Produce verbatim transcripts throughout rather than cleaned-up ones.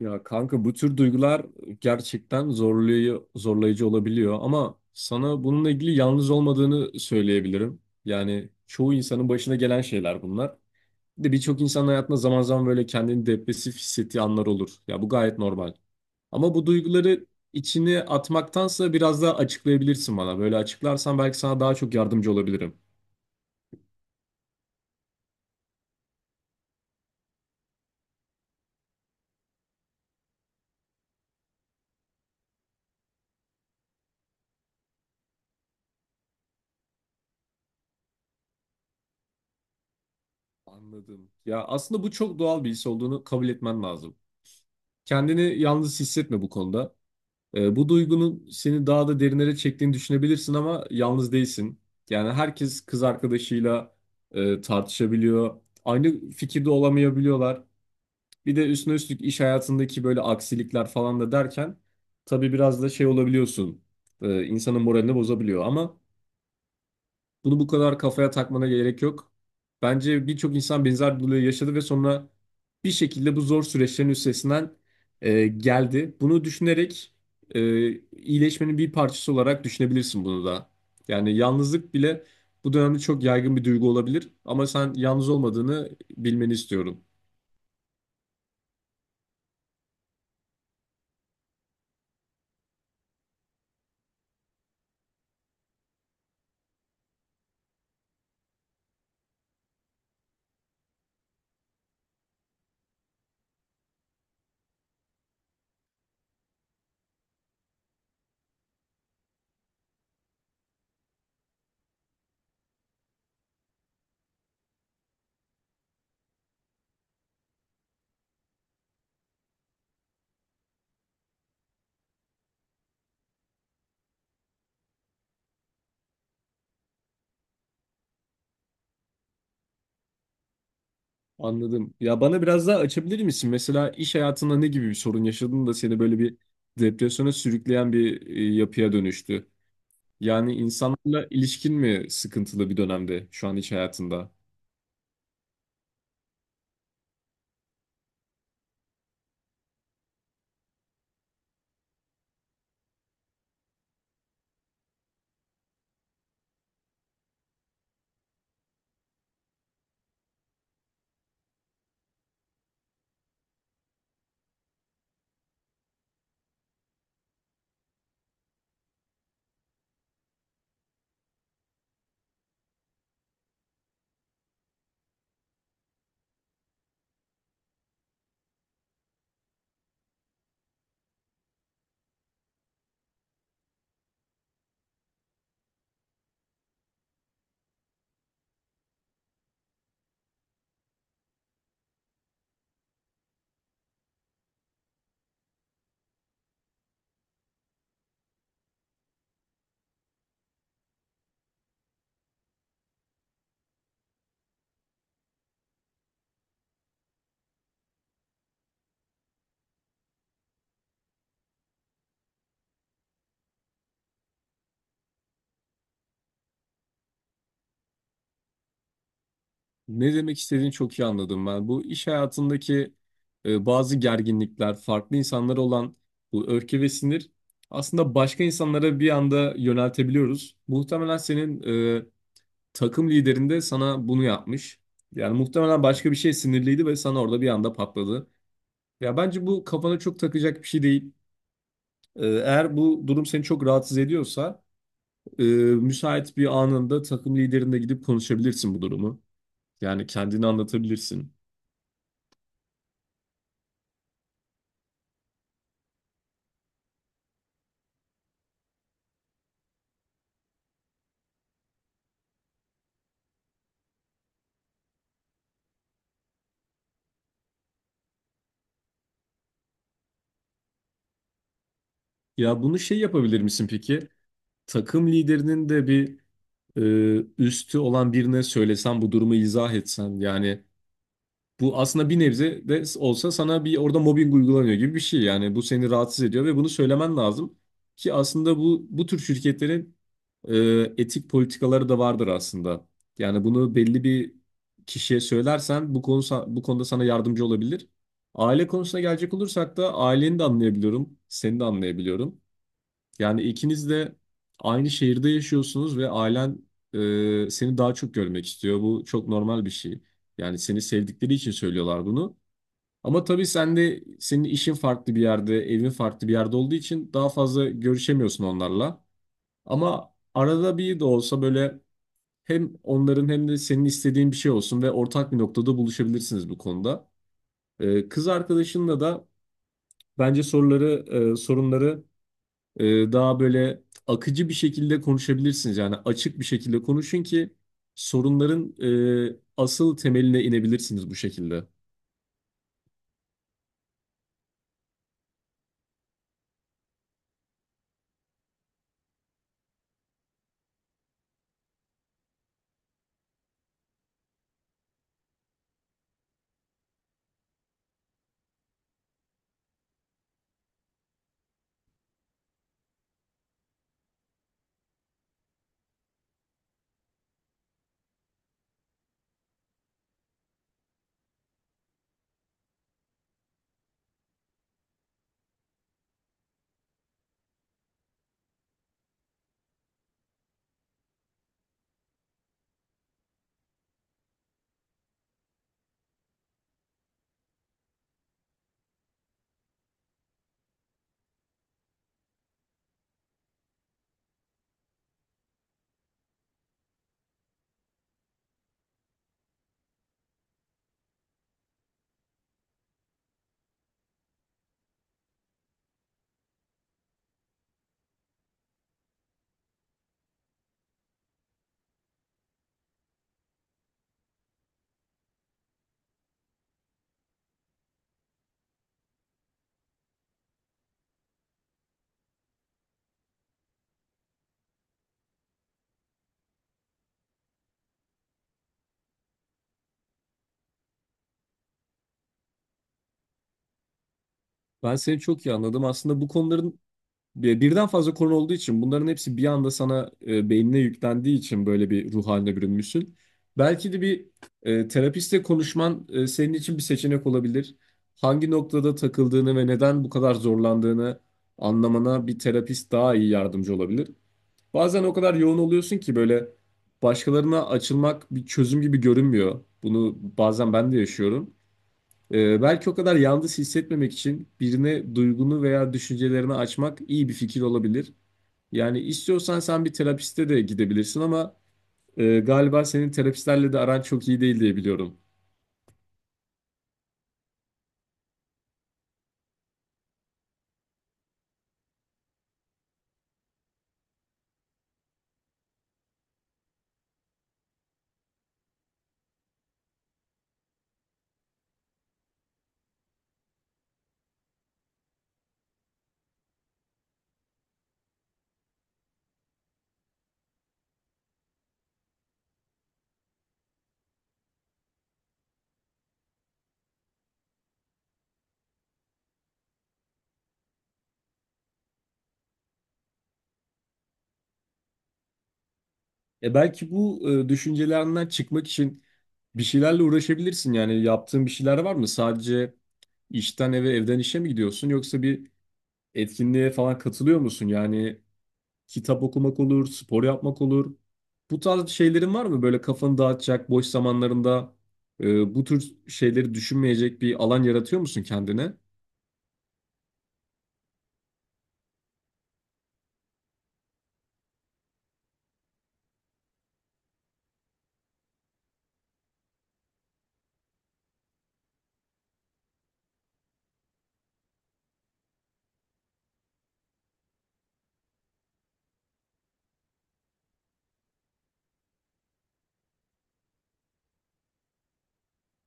Ya kanka bu tür duygular gerçekten zorlayıcı, zorlayıcı olabiliyor ama sana bununla ilgili yalnız olmadığını söyleyebilirim. Yani çoğu insanın başına gelen şeyler bunlar. Bir de birçok insanın hayatında zaman zaman böyle kendini depresif hissettiği anlar olur. Ya bu gayet normal. Ama bu duyguları içine atmaktansa biraz daha açıklayabilirsin bana. Böyle açıklarsan belki sana daha çok yardımcı olabilirim. Anladım. Ya aslında bu çok doğal bir his olduğunu kabul etmen lazım. Kendini yalnız hissetme bu konuda. Ee, bu duygunun seni daha da derinlere çektiğini düşünebilirsin ama yalnız değilsin. Yani herkes kız arkadaşıyla e, tartışabiliyor. Aynı fikirde olamayabiliyorlar. Bir de üstüne üstlük iş hayatındaki böyle aksilikler falan da derken tabii biraz da şey olabiliyorsun. E, insanın moralini bozabiliyor ama bunu bu kadar kafaya takmana gerek yok. Bence birçok insan benzer bir olayı yaşadı ve sonra bir şekilde bu zor süreçlerin üstesinden e, geldi. Bunu düşünerek e, iyileşmenin bir parçası olarak düşünebilirsin bunu da. Yani yalnızlık bile bu dönemde çok yaygın bir duygu olabilir ama sen yalnız olmadığını bilmeni istiyorum. Anladım. Ya bana biraz daha açabilir misin? Mesela iş hayatında ne gibi bir sorun yaşadın da seni böyle bir depresyona sürükleyen bir e, yapıya dönüştü? Yani insanlarla ilişkin mi sıkıntılı bir dönemde şu an iş hayatında? Ne demek istediğini çok iyi anladım ben. Bu iş hayatındaki e, bazı gerginlikler, farklı insanlara olan bu öfke ve sinir aslında başka insanlara bir anda yöneltebiliyoruz. Muhtemelen senin e, takım liderin de sana bunu yapmış. Yani muhtemelen başka bir şey sinirliydi ve sana orada bir anda patladı. Ya bence bu kafana çok takacak bir şey değil. E, eğer bu durum seni çok rahatsız ediyorsa Ee, müsait bir anında takım liderine gidip konuşabilirsin bu durumu. Yani kendini anlatabilirsin. Ya bunu şey yapabilir misin peki? Takım liderinin de bir e, üstü olan birine söylesen bu durumu izah etsen yani. Bu aslında bir nebze de olsa sana bir orada mobbing uygulanıyor gibi bir şey. Yani bu seni rahatsız ediyor ve bunu söylemen lazım. Ki aslında bu bu tür şirketlerin e, etik politikaları da vardır aslında. Yani bunu belli bir kişiye söylersen bu konu sa- bu konuda sana yardımcı olabilir. Aile konusuna gelecek olursak da aileni de anlayabiliyorum, seni de anlayabiliyorum. Yani ikiniz de aynı şehirde yaşıyorsunuz ve ailen e, seni daha çok görmek istiyor. Bu çok normal bir şey. Yani seni sevdikleri için söylüyorlar bunu. Ama tabii sen de senin işin farklı bir yerde, evin farklı bir yerde olduğu için daha fazla görüşemiyorsun onlarla. Ama arada bir de olsa böyle hem onların hem de senin istediğin bir şey olsun ve ortak bir noktada buluşabilirsiniz bu konuda. E, kız arkadaşınla da bence soruları, e, sorunları ee, daha böyle akıcı bir şekilde konuşabilirsiniz. Yani açık bir şekilde konuşun ki sorunların e, asıl temeline inebilirsiniz bu şekilde. Ben seni çok iyi anladım. Aslında bu konuların Bir- Birden fazla konu olduğu için bunların hepsi bir anda sana e, beynine yüklendiği için böyle bir ruh haline bürünmüşsün. Belki de bir e, terapistle konuşman e, senin için bir seçenek olabilir. Hangi noktada takıldığını ve neden bu kadar zorlandığını anlamana bir terapist daha iyi yardımcı olabilir. Bazen o kadar yoğun oluyorsun ki böyle başkalarına açılmak bir çözüm gibi görünmüyor. Bunu bazen ben de yaşıyorum. Ee, belki o kadar yalnız hissetmemek için birine duygunu veya düşüncelerini açmak iyi bir fikir olabilir. Yani istiyorsan sen bir terapiste de gidebilirsin ama e, galiba senin terapistlerle de aran çok iyi değil diye biliyorum. E, belki bu e, düşüncelerinden çıkmak için bir şeylerle uğraşabilirsin. Yani yaptığın bir şeyler var mı? Sadece işten eve, evden işe mi gidiyorsun yoksa bir etkinliğe falan katılıyor musun? Yani kitap okumak olur, spor yapmak olur. Bu tarz şeylerin var mı? Böyle kafanı dağıtacak, boş zamanlarında e, bu tür şeyleri düşünmeyecek bir alan yaratıyor musun kendine?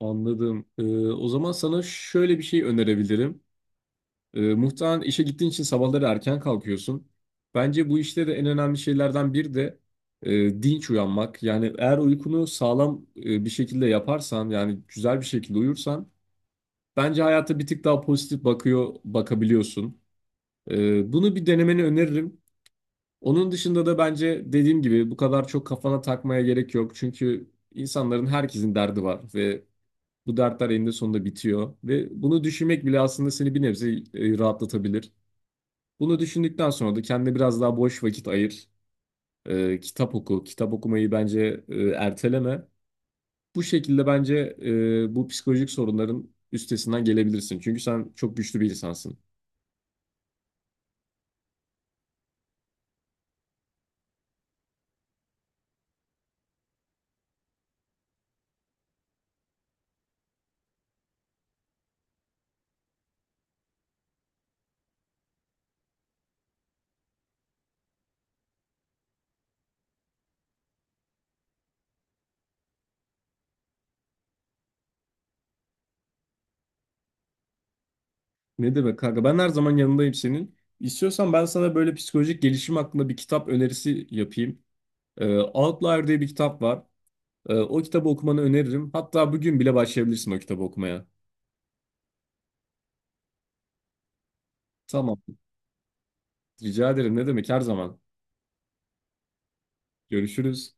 Anladım. E, o zaman sana şöyle bir şey önerebilirim. E, muhtemelen işe gittiğin için sabahları erken kalkıyorsun. Bence bu işte de en önemli şeylerden biri de e, dinç uyanmak. Yani eğer uykunu sağlam e, bir şekilde yaparsan, yani güzel bir şekilde uyursan, bence hayata bir tık daha pozitif bakıyor, bakabiliyorsun. Ee, bunu bir denemeni öneririm. Onun dışında da bence dediğim gibi bu kadar çok kafana takmaya gerek yok. Çünkü insanların herkesin derdi var ve bu dertler eninde sonunda bitiyor. Ve bunu düşünmek bile aslında seni bir nebze e, rahatlatabilir. Bunu düşündükten sonra da kendine biraz daha boş vakit ayır. Ee, kitap oku. Kitap okumayı bence e, erteleme. Bu şekilde bence e, bu psikolojik sorunların üstesinden gelebilirsin. Çünkü sen çok güçlü bir insansın. Ne demek kanka? Ben her zaman yanındayım senin. İstiyorsan ben sana böyle psikolojik gelişim hakkında bir kitap önerisi yapayım. Ee, Outlier diye bir kitap var. Ee, o kitabı okumanı öneririm. Hatta bugün bile başlayabilirsin o kitabı okumaya. Tamam. Rica ederim. Ne demek her zaman. Görüşürüz.